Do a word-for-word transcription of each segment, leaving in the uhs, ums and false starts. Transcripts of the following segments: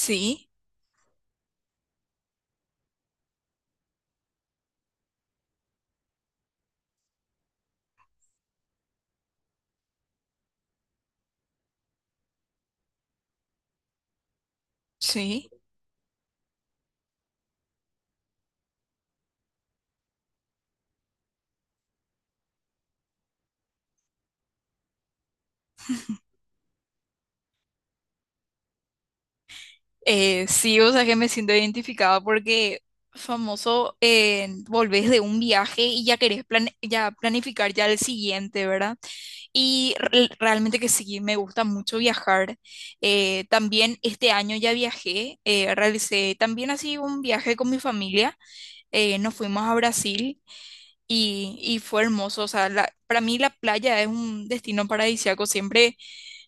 Sí, sí. Eh, sí, o sea que me siento identificada porque famoso, eh, volvés de un viaje y ya querés plan- ya planificar ya el siguiente, ¿verdad? Y re- realmente que sí, me gusta mucho viajar. Eh, también este año ya viajé, eh, realicé también así un viaje con mi familia. Eh, nos fuimos a Brasil y, y fue hermoso. O sea, la- para mí la playa es un destino paradisíaco. Siempre.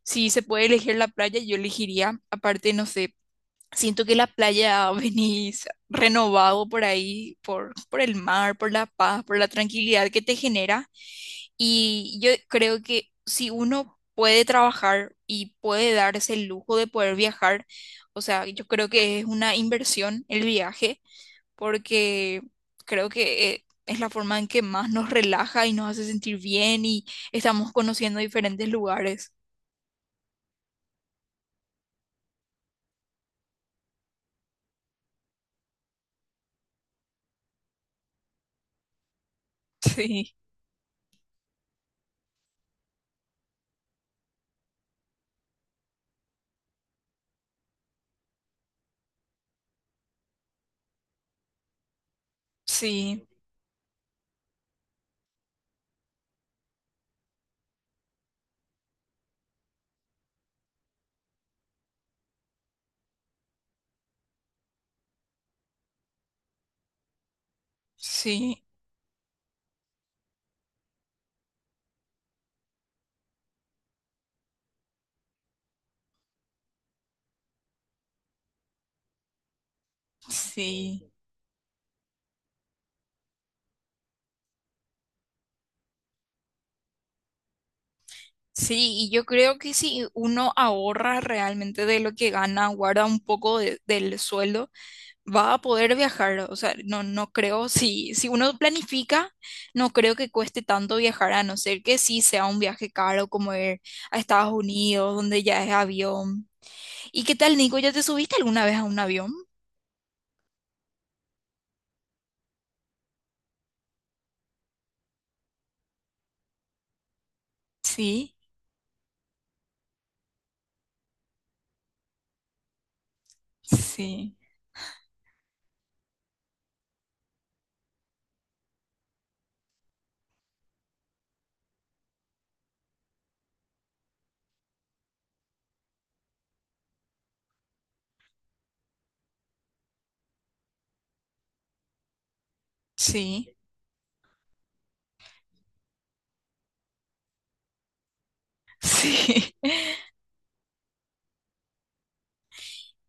Si se puede elegir la playa, yo elegiría, aparte, no sé, siento que la playa venís renovado por ahí, por, por el mar, por la paz, por la tranquilidad que te genera. Y yo creo que si uno puede trabajar y puede darse el lujo de poder viajar, o sea, yo creo que es una inversión el viaje, porque creo que... eh, Es la forma en que más nos relaja y nos hace sentir bien y estamos conociendo diferentes lugares. Sí, sí. Sí, sí, sí, y yo creo que si uno ahorra realmente de lo que gana, guarda un poco de- del sueldo, va a poder viajar. O sea, no, no creo, si, si uno planifica, no creo que cueste tanto viajar, a no ser que sí sea un viaje caro como ir a Estados Unidos, donde ya es avión. ¿Y qué tal, Nico? ¿Ya te subiste alguna vez a un avión? Sí, sí, sí, sí.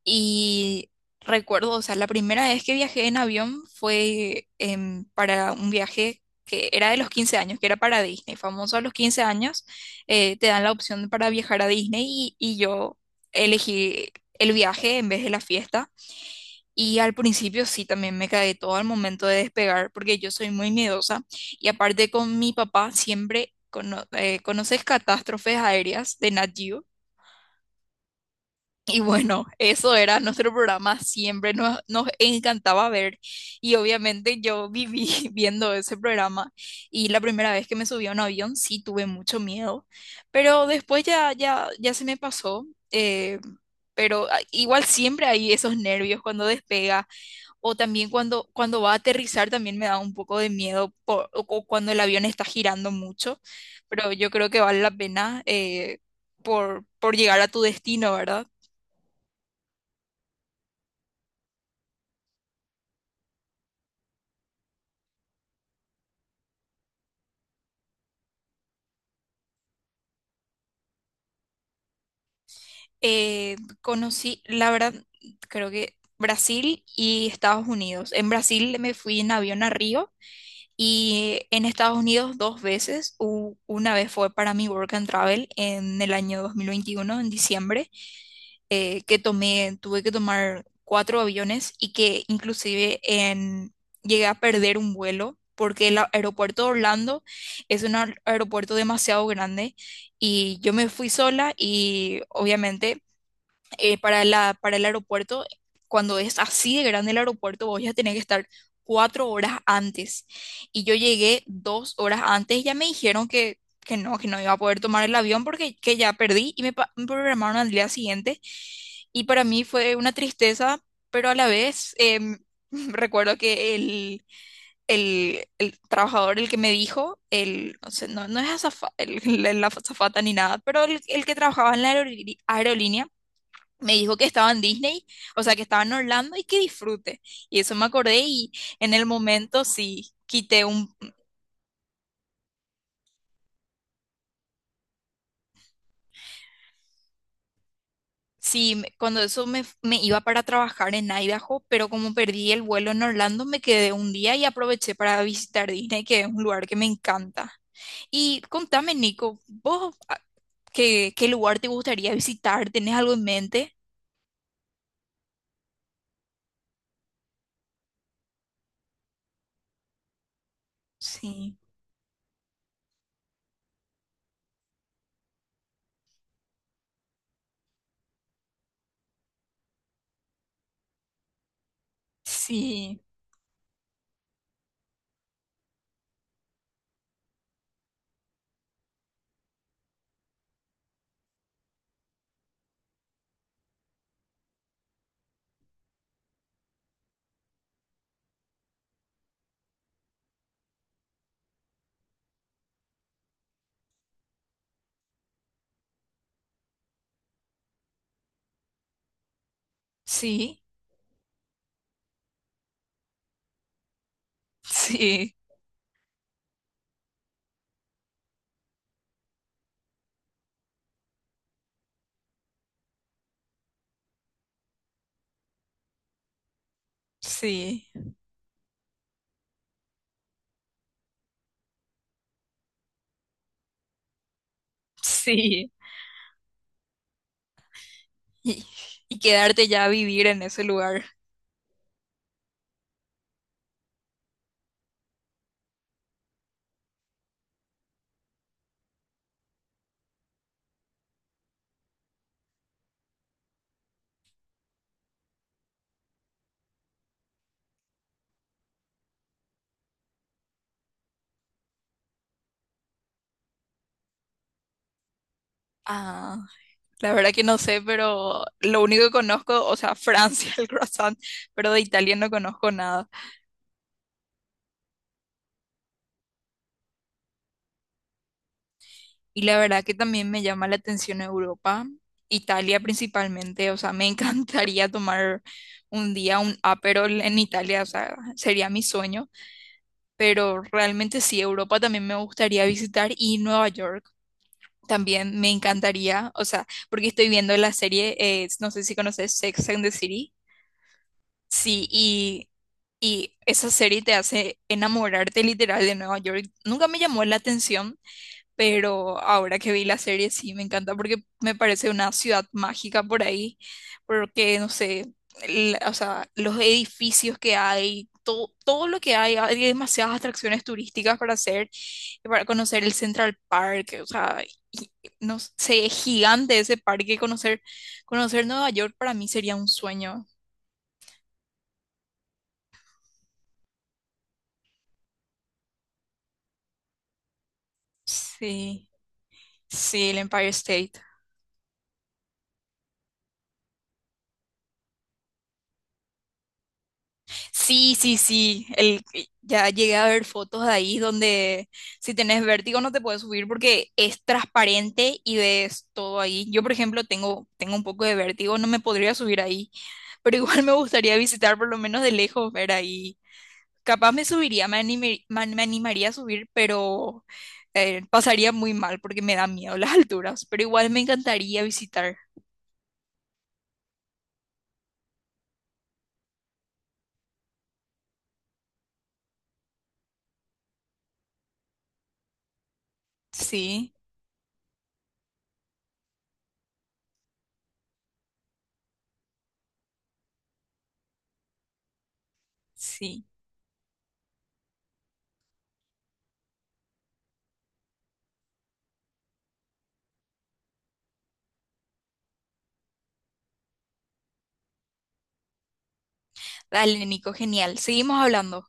Y recuerdo, o sea, la primera vez que viajé en avión fue em, para un viaje que era de los quince años, que era para Disney. Famoso a los quince años, eh, te dan la opción para viajar a Disney y, y yo elegí el viaje en vez de la fiesta. Y al principio sí, también me cagué todo al momento de despegar, porque yo soy muy miedosa y aparte con mi papá siempre, cono- eh, ¿conoces Catástrofes Aéreas de Nat Geo? Y bueno, eso era nuestro programa, siempre nos, nos encantaba ver y obviamente yo viví viendo ese programa y la primera vez que me subí a un avión sí tuve mucho miedo, pero después ya, ya, ya se me pasó, eh, pero ah, igual siempre hay esos nervios cuando despega o también cuando, cuando va a aterrizar también me da un poco de miedo por- o, o cuando el avión está girando mucho, pero yo creo que vale la pena eh, por, por llegar a tu destino, ¿verdad? Eh, Conocí, la verdad, creo que Brasil y Estados Unidos. En Brasil me fui en avión a Río y en Estados Unidos dos veces. U- una vez fue para mi work and travel en el año dos mil veintiuno en diciembre, eh, que tomé, tuve que tomar cuatro aviones y que inclusive en, llegué a perder un vuelo, porque el a- aeropuerto de Orlando es un aer- aeropuerto demasiado grande y yo me fui sola y obviamente, eh, para la, para el aeropuerto, cuando es así de grande el aeropuerto, vos ya tenés que estar cuatro horas antes. Y yo llegué dos horas antes y ya me dijeron que, que no, que no iba a poder tomar el avión porque que ya perdí y me, pa- me programaron al día siguiente. Y para mí fue una tristeza, pero a la vez em, recuerdo que el, el, el trabajador, el que me dijo, el, no sé, no, no es azafa- el- la la azafata ni nada, pero el, el que trabajaba en la aerolí- aerolínea, me dijo que estaba en Disney, o sea, que estaba en Orlando y que disfrute. Y eso me acordé y en el momento sí, quité un. Sí, me- cuando eso me, me iba para trabajar en Idaho, pero como perdí el vuelo en Orlando, me quedé un día y aproveché para visitar Disney, que es un lugar que me encanta. Y contame, Nico, ¿vos a- qué, qué lugar te gustaría visitar? ¿Tenés algo en mente? Sí, sí, sí, sí, sí, sí. y, y quedarte ya a vivir en ese lugar. Ah, la verdad que no sé, pero lo único que conozco, o sea, Francia, el croissant, pero de Italia no conozco nada. Y la verdad que también me llama la atención Europa, Italia principalmente, o sea, me encantaría tomar un día un Aperol en Italia, o sea, sería mi sueño, pero realmente sí, Europa también me gustaría visitar y Nueva York. También me encantaría, o sea, porque estoy viendo la serie, eh, no sé si conoces Sex and the City. Sí, y, y esa serie te hace enamorarte literal de Nueva York. Nunca me llamó la atención, pero ahora que vi la serie sí me encanta porque me parece una ciudad mágica por ahí, porque no sé, el- o sea, los edificios que hay, todo, todo lo que hay, hay demasiadas atracciones turísticas para hacer, y para conocer el Central Park, o sea, y- no sé, es gigante ese parque, conocer, conocer Nueva York para mí sería un sueño. Sí. Sí, el Empire State. Sí, sí, sí. El, ya llegué a ver fotos de ahí donde si tenés vértigo no te puedes subir porque es transparente y ves todo ahí. Yo, por ejemplo, tengo, tengo un poco de vértigo, no me podría subir ahí, pero igual me gustaría visitar por lo menos de lejos, ver ahí. Capaz me subiría, me animé- ma- me animaría a subir, pero eh, pasaría muy mal porque me da miedo las alturas, pero igual me encantaría visitar. Sí, sí. Dale, Nico, genial. Seguimos hablando.